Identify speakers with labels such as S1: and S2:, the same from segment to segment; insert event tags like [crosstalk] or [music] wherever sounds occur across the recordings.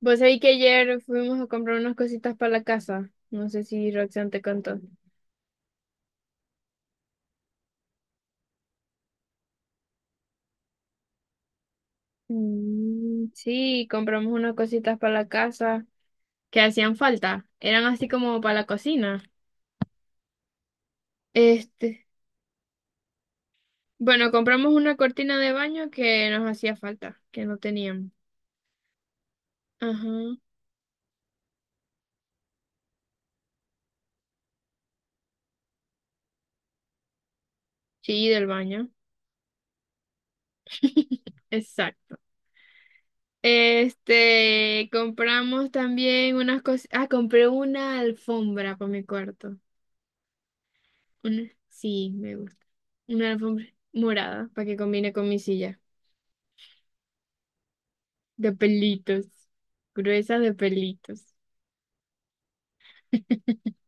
S1: Vos sabés que ayer fuimos a comprar unas cositas para la casa. No sé si Roxanne te contó. Mm, sí, compramos unas cositas para la casa que hacían falta. Eran así como para la cocina. Este, bueno, compramos una cortina de baño que nos hacía falta, que no teníamos. Ajá. Sí, del baño. [laughs] Exacto. Compramos también unas cosas. Ah, compré una alfombra para mi cuarto. Una, sí, me gusta. Una alfombra morada para que combine con mi silla. De pelitos. Gruesa de pelitos. [laughs]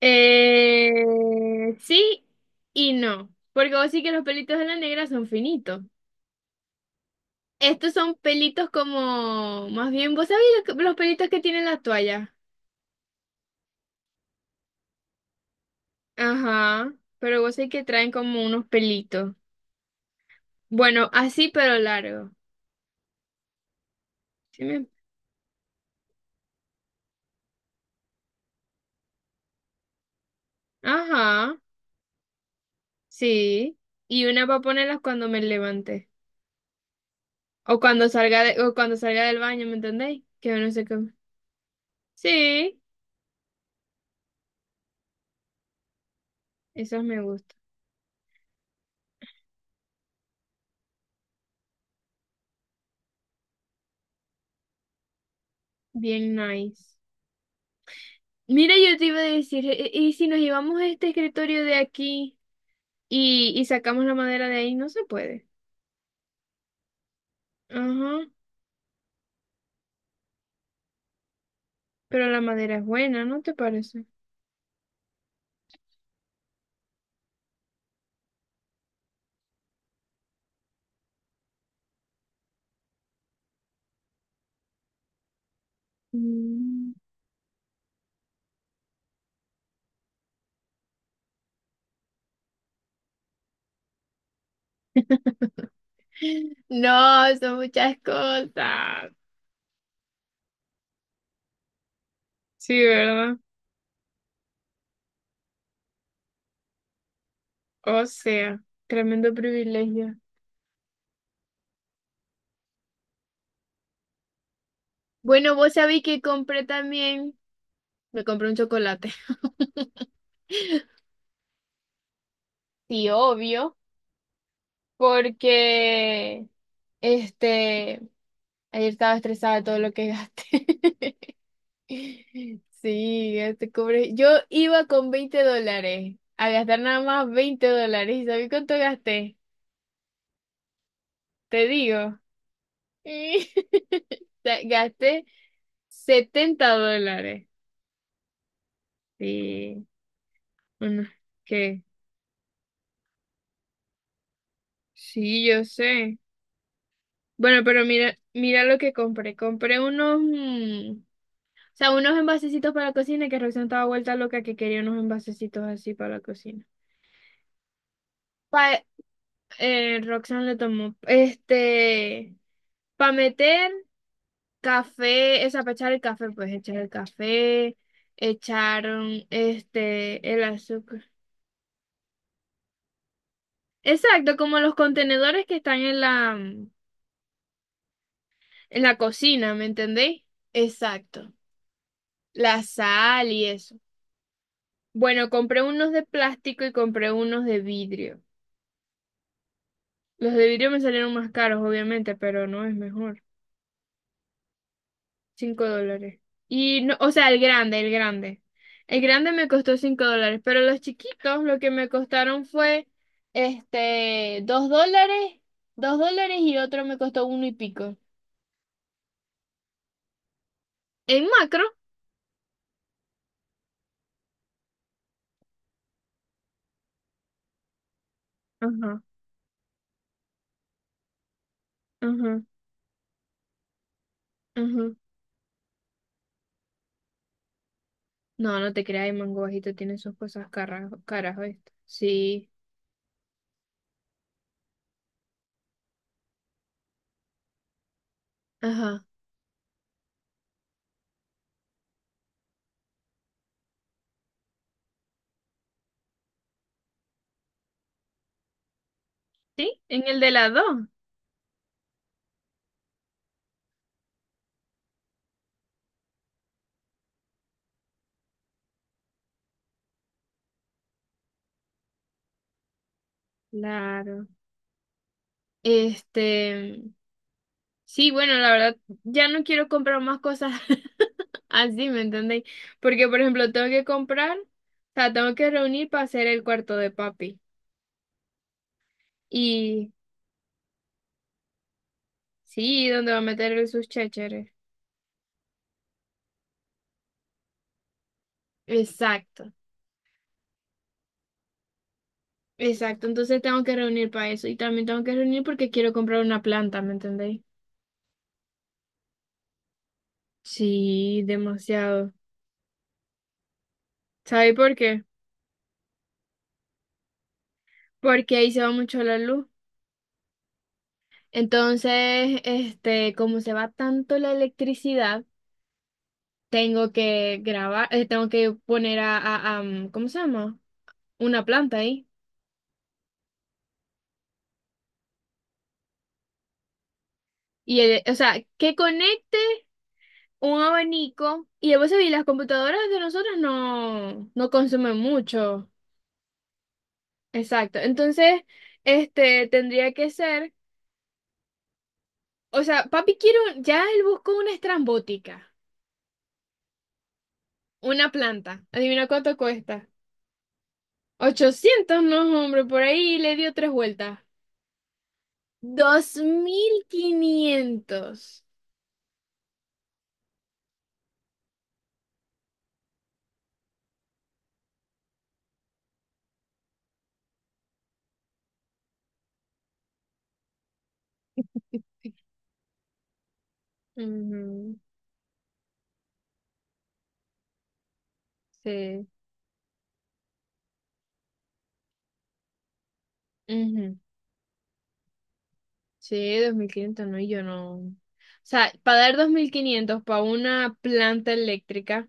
S1: Eh, sí y no. Porque vos sí que los pelitos de la negra son finitos. Estos son pelitos como, más bien, vos sabés los pelitos que tienen la toalla. Ajá, pero vos sabés que traen como unos pelitos. Bueno, así pero largo. ¿Sí me- ajá, sí. Y una para ponerlas cuando me levante. O cuando o cuando salga del baño, ¿me entendéis? Que no sé qué. Sí, esas me gustan. Bien nice. Mira, yo te iba a decir, ¿y si nos llevamos este escritorio de aquí y sacamos la madera de ahí? No se puede. Ajá. Pero la madera es buena, ¿no te parece? Mm. [gasps] [laughs] No, son muchas cosas. Sí, ¿verdad? O sea, tremendo privilegio. Bueno, vos sabéis que compré también, me compré un chocolate. [laughs] Sí, obvio, porque este ayer estaba estresada de todo lo que gasté. [laughs] Sí, gasté cobre. Yo iba con $20 a gastar nada más $20. ¿Y sabes cuánto gasté? Te digo. [laughs] Gasté $70. Sí, bueno, ¿qué? Sí, yo sé. Bueno, pero mira, mira lo que compré. Compré unos. O sea, unos envasecitos para la cocina que Roxanne estaba vuelta loca que quería unos envasecitos así para la cocina. Pa, Roxanne le tomó, para meter café, esa, para echar el café, pues echar el café, echaron, el azúcar. Exacto, como los contenedores que están en la cocina, ¿me entendéis? Exacto, la sal y eso. Bueno, compré unos de plástico y compré unos de vidrio. Los de vidrio me salieron más caros, obviamente, pero no es mejor. $5. Y no, o sea, el grande. El grande me costó $5, pero los chiquitos lo que me costaron fue $2, $2 y otro me costó uno y pico. En macro. Ajá, ajá, ajá. No, no te creas, el mango bajito tiene sus cosas caras, caras, ¿oíste? Sí, ajá. Sí, en el de las dos. Claro. Este. Sí, bueno, la verdad, ya no quiero comprar más cosas [laughs] así, ¿me entendéis? Porque, por ejemplo, tengo que comprar, o sea, tengo que reunir para hacer el cuarto de papi. Y sí, ¿donde va a meter el sus chécheres? Exacto, exacto. Entonces tengo que reunir para eso. Y también tengo que reunir porque quiero comprar una planta, ¿me entendéis? Sí, demasiado. ¿Sabéis por qué? Porque ahí se va mucho la luz. Entonces, como se va tanto la electricidad. Tengo que grabar, tengo que poner ¿cómo se llama? Una planta ahí. Y, o sea, que conecte un abanico. Y a veces, y las computadoras de nosotros no consumen mucho. Exacto. Entonces, tendría que ser, o sea, papi quiero, ya él buscó una estrambótica, una planta. Adivina cuánto cuesta. Ochocientos no, hombre, por ahí le dio tres vueltas. 2.500. Ujú. Sí. Ujú. Sí, 2.500 no, y yo no. O sea, para dar 2.500 para una planta eléctrica,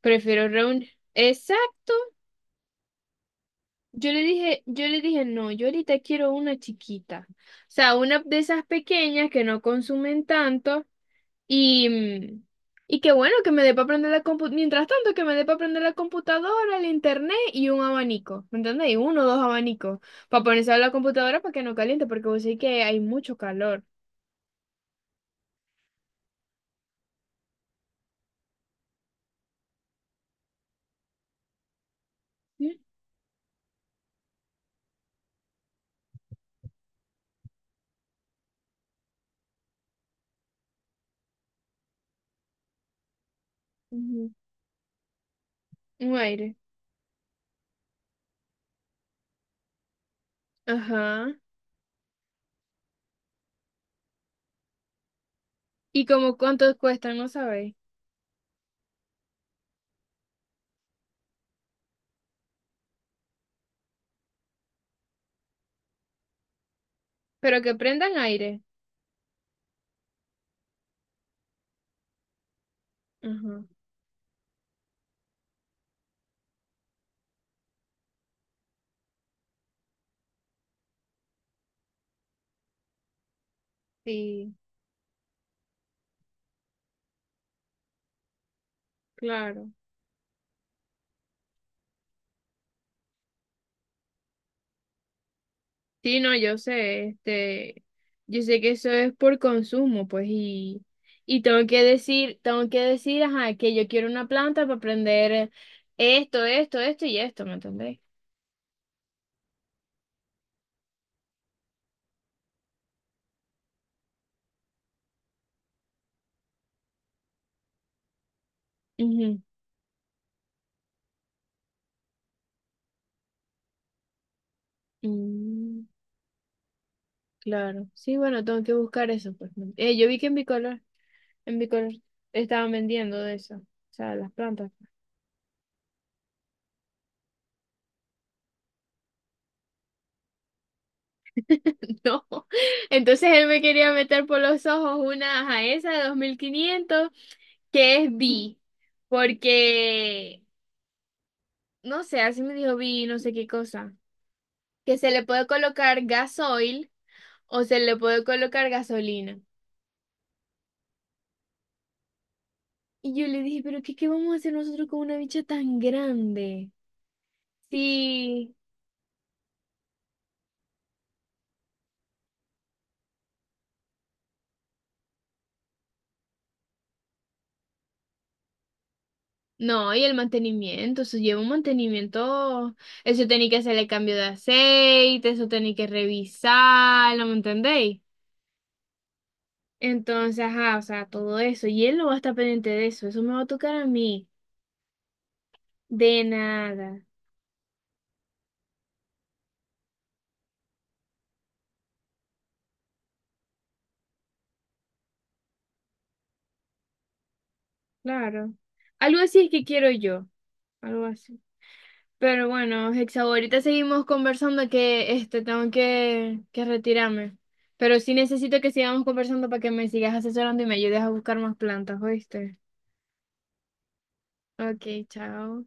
S1: prefiero reunir. Exacto. Yo le dije, no, yo ahorita quiero una chiquita. O sea, una de esas pequeñas que no consumen tanto. Y, y qué bueno que me dé para aprender la computadora. Mientras tanto, que me dé para aprender la computadora, el internet y un abanico. ¿Me entendéis? Uno o dos abanicos. Para ponerse a la computadora para que no caliente, porque vos sabés que hay mucho calor. ¿Mm? Ujú. Un aire. Ajá. ¿Y como cuántos cuestan? No sabéis. Pero que prendan aire. Ajá. Sí, claro. Sí, no, yo sé, yo sé que eso es por consumo, pues, y tengo que decir, ajá, que yo quiero una planta para aprender esto, esto, esto y esto, ¿me entendéis? Ujú. Mm, claro, sí, bueno, tengo que buscar eso, pues. ¿No? Yo vi que en Bicolor estaban vendiendo de eso, o sea, las plantas. [laughs] No, entonces él me quería meter por los ojos una, ajá, esa de 2.500 que es B. Porque no sé, así me dijo vi no sé qué cosa. Que se le puede colocar gasoil o se le puede colocar gasolina. Y yo le dije, pero qué, ¿qué vamos a hacer nosotros con una bicha tan grande? Sí. No, y el mantenimiento, eso lleva un mantenimiento, eso tenía que hacerle cambio de aceite, eso tenía que revisarlo, ¿me entendéis? Entonces, ajá, o sea, todo eso, y él no va a estar pendiente de eso, eso me va a tocar a mí, de nada, claro. Algo así es que quiero yo. Algo así. Pero bueno, Hexa, ahorita seguimos conversando que tengo que retirarme. Pero sí necesito que sigamos conversando para que me sigas asesorando y me ayudes a buscar más plantas, ¿oíste? Ok, chao.